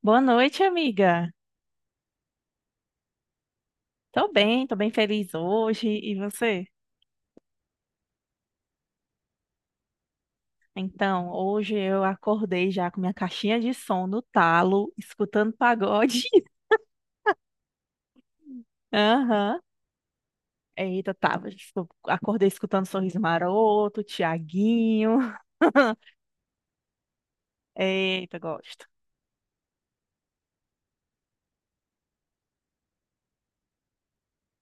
Boa noite, amiga. Tô bem feliz hoje. E você? Então, hoje eu acordei já com minha caixinha de som no talo, escutando pagode. Aham. Eita, tava. Acordei escutando Sorriso Maroto, Tiaguinho. Eita, gosto.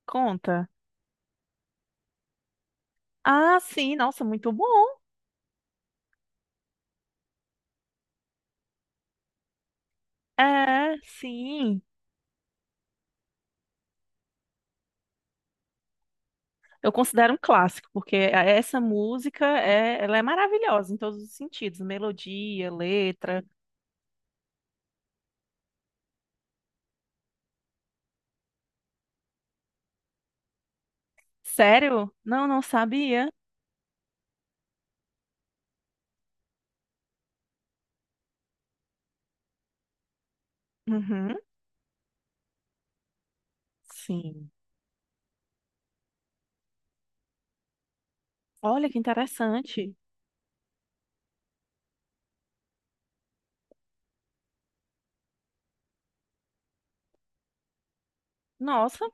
Conta. Ah, sim, nossa, muito bom. É, sim. Eu considero um clássico, porque essa música é, ela é maravilhosa em todos os sentidos, melodia, letra. Sério? Não, não sabia. Uhum. Sim. Olha que interessante. Nossa,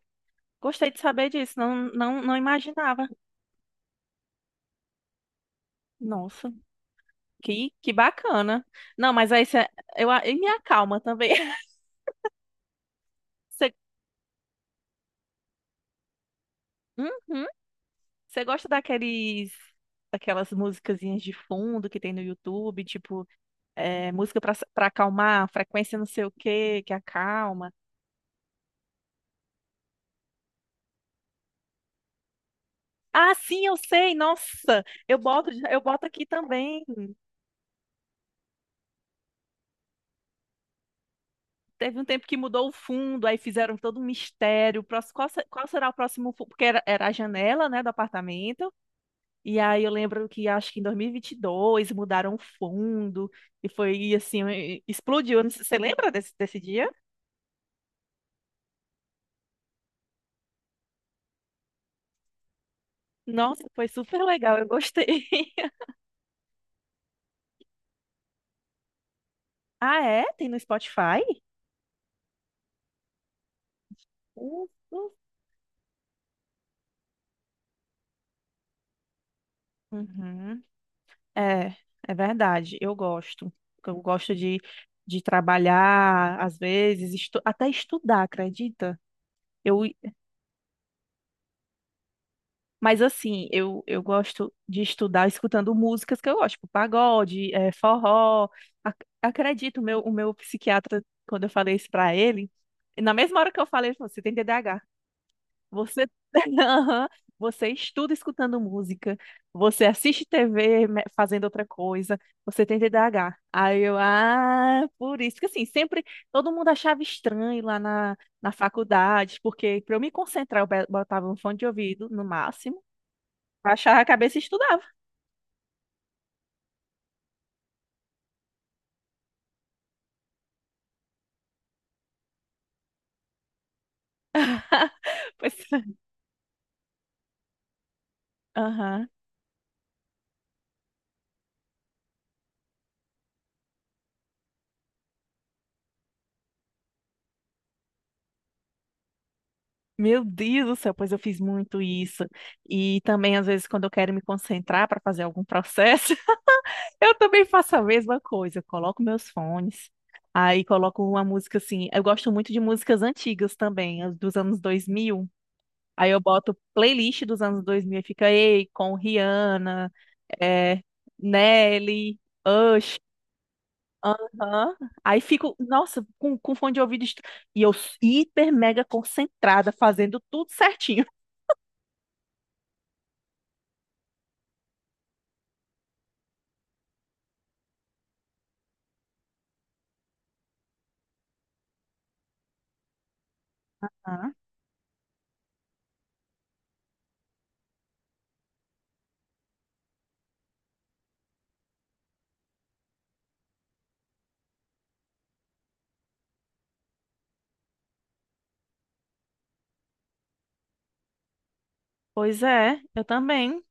gostei de saber disso. Não, não, não imaginava. Nossa, que bacana. Não, mas aí você, eu, e me acalma também. Você, uhum. Você gosta daqueles, daquelas musicazinhas de fundo que tem no YouTube, tipo, é, música para acalmar, frequência não sei o quê, que acalma. Ah, sim, eu sei. Nossa, eu boto aqui também. Teve um tempo que mudou o fundo, aí fizeram todo um mistério. Qual, se- qual será o próximo fundo? Porque era a janela, né, do apartamento. E aí eu lembro que acho que em dois mil e vinte e dois mudaram o fundo e foi assim, explodiu. Não sei- Você lembra desse dia? Nossa, foi super legal, eu gostei. Ah, é? Tem no Spotify? Isso. Uhum. É, é, verdade, eu gosto. Eu gosto de trabalhar, às vezes, até estudar, acredita? Eu, Mas assim, eu gosto de estudar escutando músicas que eu gosto, tipo pagode, forró. Acredito, o meu psiquiatra, quando eu falei isso pra ele, na mesma hora que eu falei, ele falou, você tem TDAH. Você, Aham. Você estuda escutando música, você assiste TV fazendo outra coisa, você tem TDAH. Aí eu, ah, por isso que assim, sempre todo mundo achava estranho lá na faculdade, porque para eu me concentrar, eu botava um fone de ouvido no máximo. Baixava a cabeça e estudava. Pois, aham. Meu Deus do céu, pois eu fiz muito isso. E também, às vezes, quando eu quero me concentrar para fazer algum processo, eu também faço a mesma coisa. Eu coloco meus fones, aí coloco uma música assim. Eu gosto muito de músicas antigas também, as dos anos 2000. Aí eu boto playlist dos anos 2000 e fica Ei, com Rihanna, é, Nelly, Aham. Aí fico, nossa, com fone de ouvido. E eu hiper mega concentrada, fazendo tudo certinho. Aham. Pois é, eu também.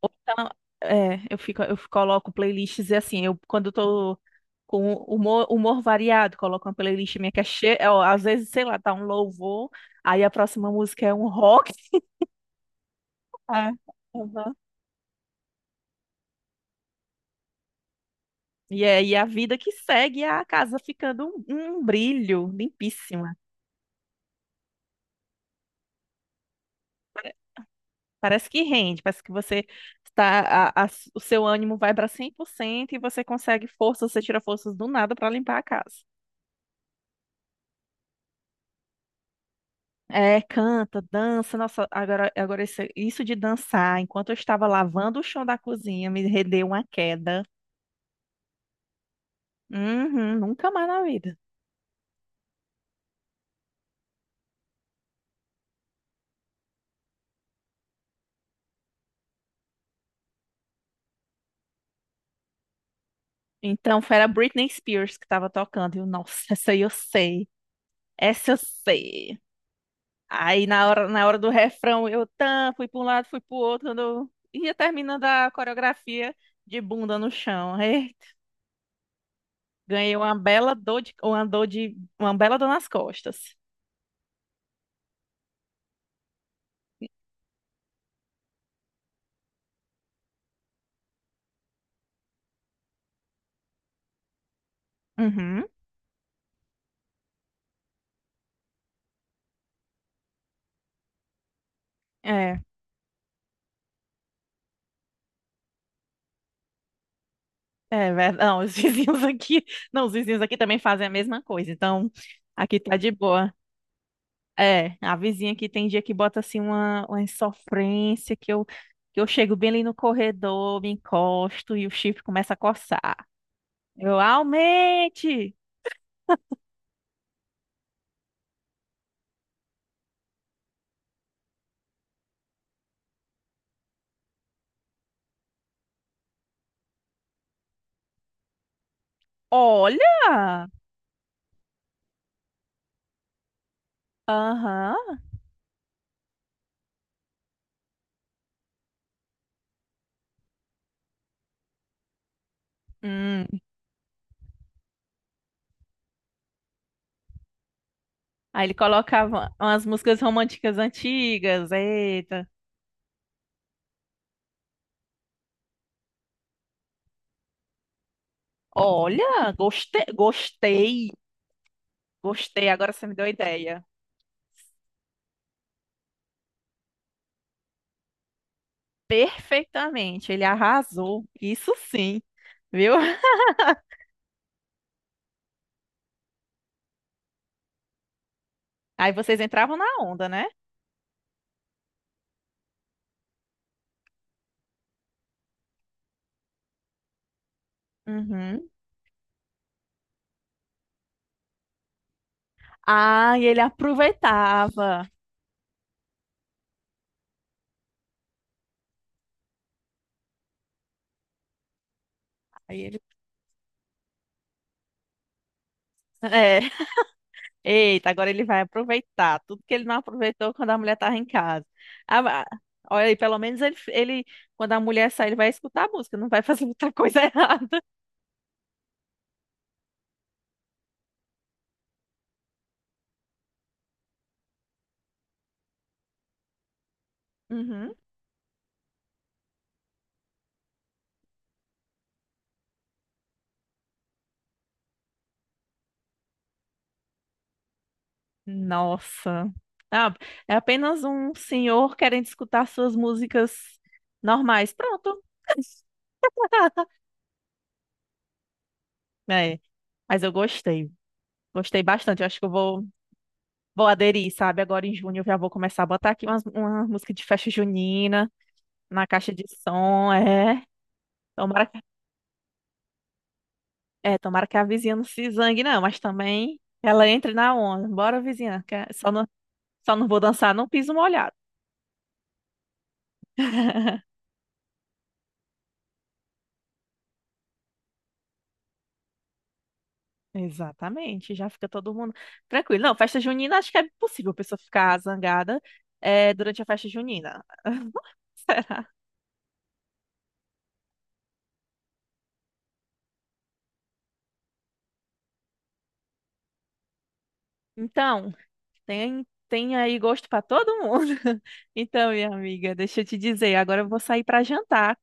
Ou então, é, eu fico, eu coloco playlists e assim, eu quando eu tô com humor, humor variado, coloco uma playlist minha que é cheia, é, ó, às vezes, sei lá, tá um louvor, aí a próxima música é um rock. Ah, aham. E é e a vida que segue, a casa ficando um brilho limpíssima. Parece que rende, parece que você está, a- a- o seu ânimo vai para 100% e você consegue forças, você tira forças do nada para limpar a casa. É, canta, dança, nossa, agora, agora isso, de dançar, enquanto eu estava lavando o chão da cozinha, me rendeu uma queda. Uhum, nunca mais na vida. Então, foi a Britney Spears que estava tocando, e eu, nossa, essa aí eu sei, essa eu sei. Aí na hora do refrão, fui para um lado, fui para o outro, quando eu ia terminando a coreografia de bunda no chão. Eita, ganhei uma bela dor de, uma bela dor nas costas. Uhum. É, é verdade. Não, os vizinhos aqui, não, os vizinhos aqui também fazem a mesma coisa. Então, aqui tá de boa. É, a vizinha aqui tem dia que bota assim uma, insofrência que eu chego bem ali no corredor, me encosto e o chifre começa a coçar. Eu aumente! Olha! Aham. Hum. Aí ele colocava umas músicas românticas antigas. Eita. Olha, gostei, gostei, gostei. Agora você me deu ideia. Perfeitamente, ele arrasou. Isso sim, viu? Aí vocês entravam na onda, né? Uhum. Ah, e ele aproveitava. Aí ele. É. Eita, agora ele vai aproveitar tudo que ele não aproveitou quando a mulher estava em casa. Ah, ah, olha aí, pelo menos ele, quando a mulher sair, ele vai escutar a música, não vai fazer muita coisa errada. Uhum. Nossa. Ah, é apenas um senhor querendo escutar suas músicas normais. Pronto. É, mas eu gostei. Gostei bastante. Eu acho que eu vou aderir, sabe? Agora em junho eu já vou começar a botar aqui uma, música de festa junina na caixa de som. É. Tomara que, tomara que a vizinha não se zangue, não, mas também ela entre na onda. Bora, vizinha, que só não, vou dançar num piso molhado. Exatamente, já fica todo mundo tranquilo. Não, festa junina, acho que é possível a pessoa ficar zangada, durante a festa junina. Será? Então, tem aí gosto para todo mundo. Então, minha amiga, deixa eu te dizer, agora eu vou sair para jantar.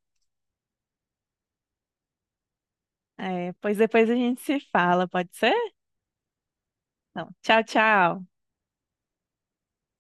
É, pois depois a gente se fala, pode ser? Então, tchau, tchau.